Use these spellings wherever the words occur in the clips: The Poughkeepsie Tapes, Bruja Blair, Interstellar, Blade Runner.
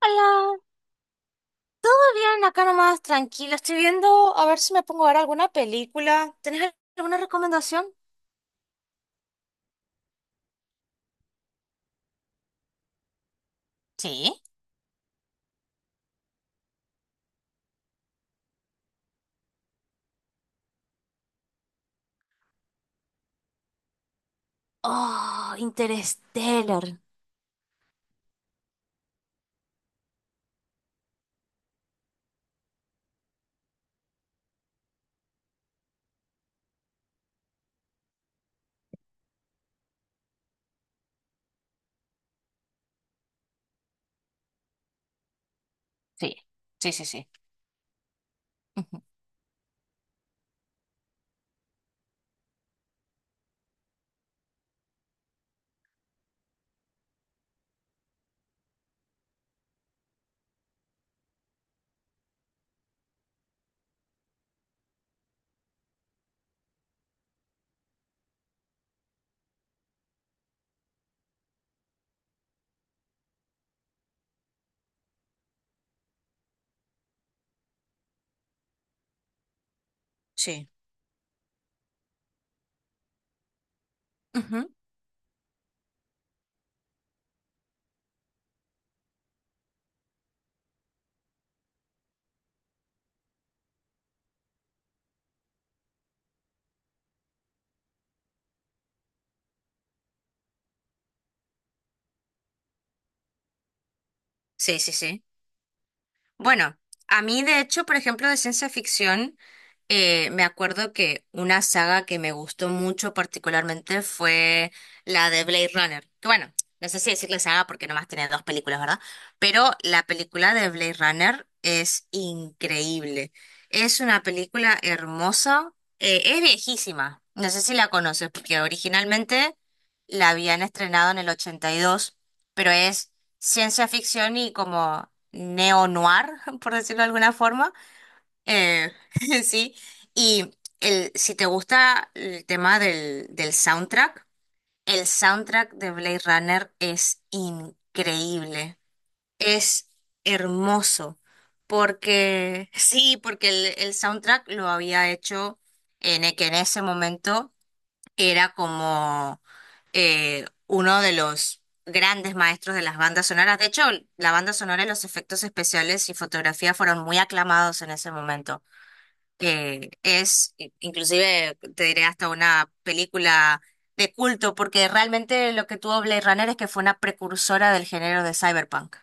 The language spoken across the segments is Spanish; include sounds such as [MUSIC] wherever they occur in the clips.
Hola, ¿todo bien? Acá nomás, tranquilo. Estoy viendo a ver si me pongo a ver alguna película. ¿Tenés alguna recomendación? Sí. Oh, Interstellar. Sí, sí, sí, sí. Ujú. Sí. Ujú. Sí, sí, sí. Bueno, a mí de hecho, por ejemplo, de ciencia ficción, me acuerdo que una saga que me gustó mucho particularmente fue la de Blade Runner. Que bueno, no sé si decirle saga porque nomás tiene dos películas, ¿verdad? Pero la película de Blade Runner es increíble. Es una película hermosa, es viejísima. No sé si la conoces porque originalmente la habían estrenado en el 82, pero es ciencia ficción y como neo-noir, [LAUGHS] por decirlo de alguna forma. Eh, [LAUGHS] sí. Y si te gusta el tema del soundtrack, el soundtrack de Blade Runner es increíble. Es hermoso. Porque, [LAUGHS] sí, porque el soundtrack lo había hecho que en ese momento era como uno de los grandes maestros de las bandas sonoras. De hecho, la banda sonora y los efectos especiales y fotografía fueron muy aclamados en ese momento. Inclusive, te diré hasta una película de culto, porque realmente lo que tuvo Blade Runner es que fue una precursora del género de cyberpunk.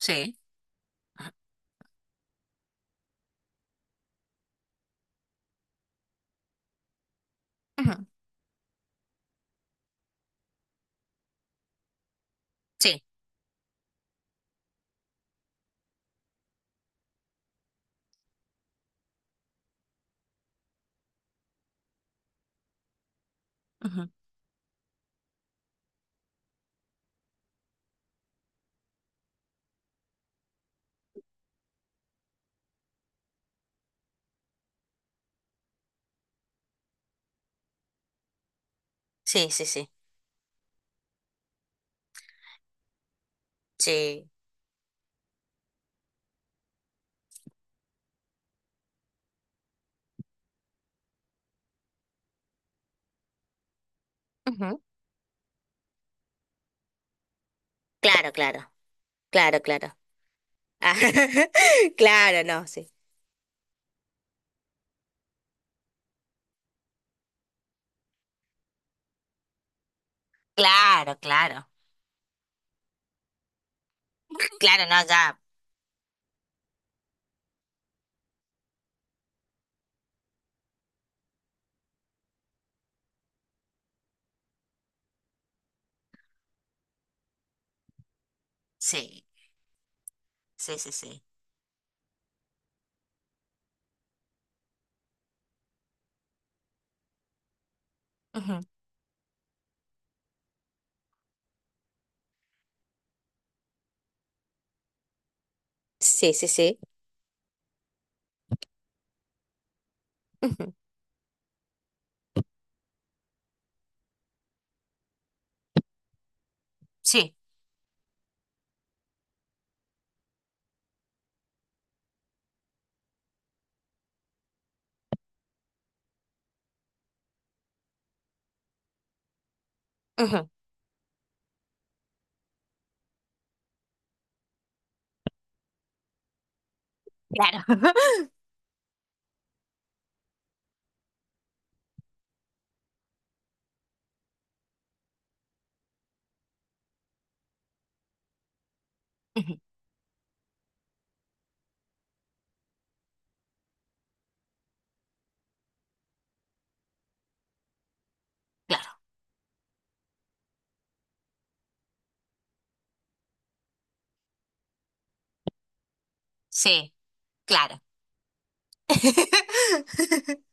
Sí. Ujú. Sí. Ujú. Sí, sí, sí. Sí. Ujú. Claro, claro. Claro, claro. Ah, [LAUGHS] claro, no, sí. Claro, claro. Claro, no, ya. Sí, sí, sí, sí. Ujú. Sí, sí, sí. Ujú. Sí. Ujú. Claro. [LAUGHS] Ujú. Claro. Sí, claro. [LAUGHS]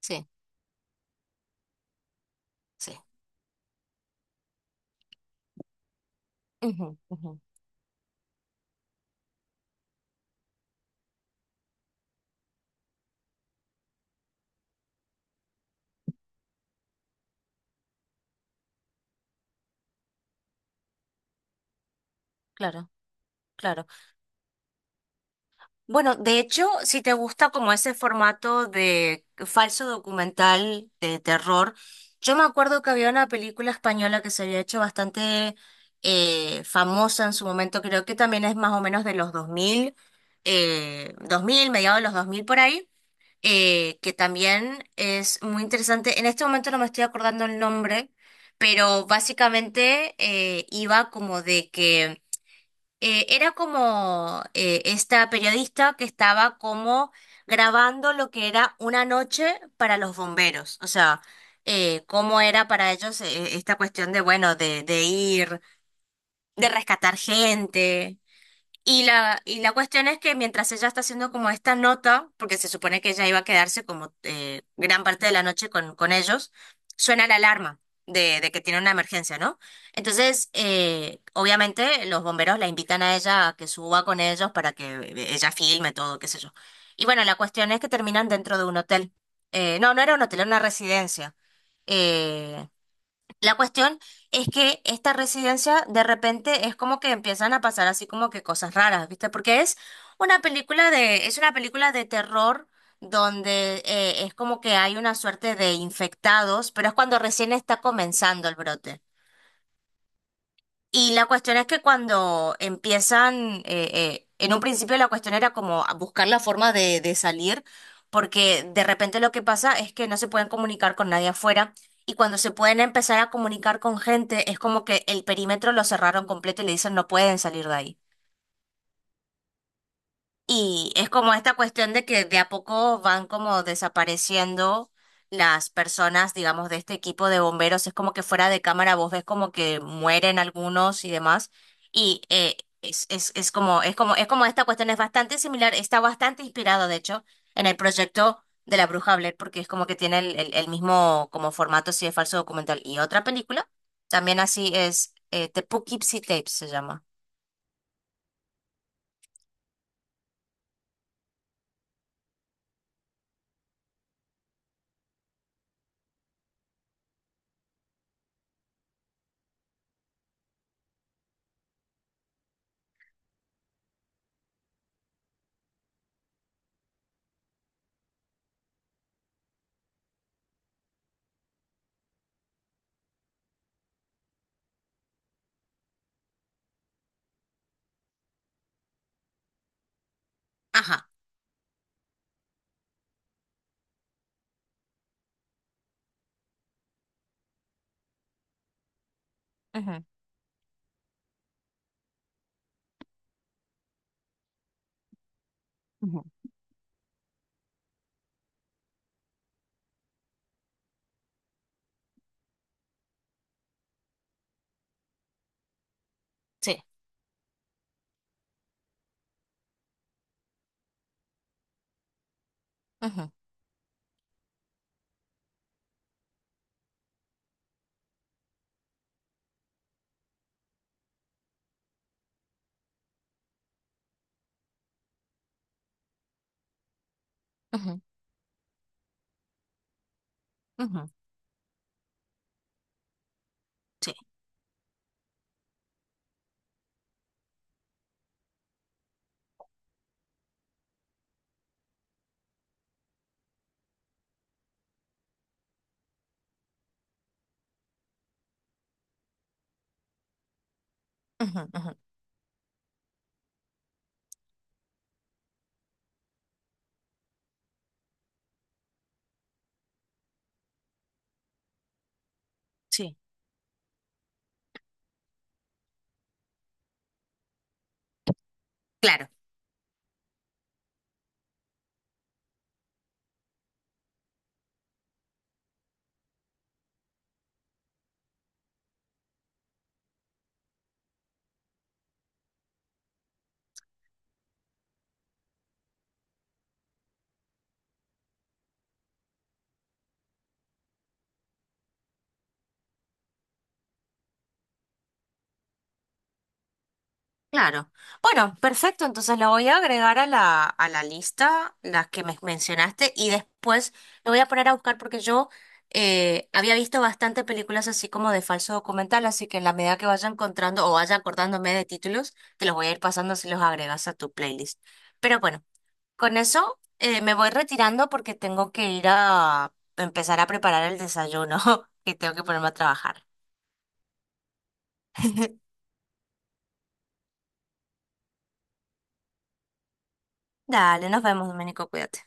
Sí, sí. Ujú, ujú. Claro, claro. Bueno, de hecho, si te gusta como ese formato de falso documental de terror, yo me acuerdo que había una película española que se había hecho bastante famosa en su momento, creo que también es más o menos de los 2000, mediados de los 2000 por ahí, que también es muy interesante. En este momento no me estoy acordando el nombre, pero básicamente iba como de que era como esta periodista que estaba como grabando lo que era una noche para los bomberos, o sea, cómo era para ellos esta cuestión de, bueno, de ir, de rescatar gente. Y la cuestión es que mientras ella está haciendo como esta nota, porque se supone que ella iba a quedarse como gran parte de la noche con ellos, suena la alarma de que tiene una emergencia, ¿no? Entonces, obviamente los bomberos la invitan a ella a que suba con ellos para que ella filme todo, qué sé yo. Y bueno, la cuestión es que terminan dentro de un hotel. No, no era un hotel, era una residencia. Eh, la cuestión es que esta residencia de repente es como que empiezan a pasar así como que cosas raras, ¿viste? Porque es es una película de terror donde es como que hay una suerte de infectados, pero es cuando recién está comenzando el brote. Y la cuestión es que cuando empiezan, en un principio la cuestión era como a buscar la forma de salir, porque de repente lo que pasa es que no se pueden comunicar con nadie afuera y cuando se pueden empezar a comunicar con gente es como que el perímetro lo cerraron completo y le dicen no pueden salir de ahí. Y es como esta cuestión de que de a poco van como desapareciendo las personas, digamos, de este equipo de bomberos. Es como que fuera de cámara vos ves como que mueren algunos y demás. Y es como esta cuestión es bastante similar, está bastante inspirado, de hecho, en el proyecto de la Bruja Blair, porque es como que tiene el mismo como formato así de falso documental. Y otra película, también así es, The Poughkeepsie Tapes se llama. Ajá. Ujú. Ujú. Sí. Ujú, ujú. Ujú, ujú, ujú. Sí, claro, claro. Bueno, perfecto. Entonces la voy a agregar a la lista, las que me mencionaste, y después lo voy a poner a buscar porque yo había visto bastante películas así como de falso documental, así que en la medida que vaya encontrando o vaya acordándome de títulos, te los voy a ir pasando si los agregas a tu playlist. Pero bueno, con eso me voy retirando porque tengo que ir a empezar a preparar el desayuno, [LAUGHS] que tengo que ponerme a trabajar. Dale, nos vemos, Domenico, cuídate.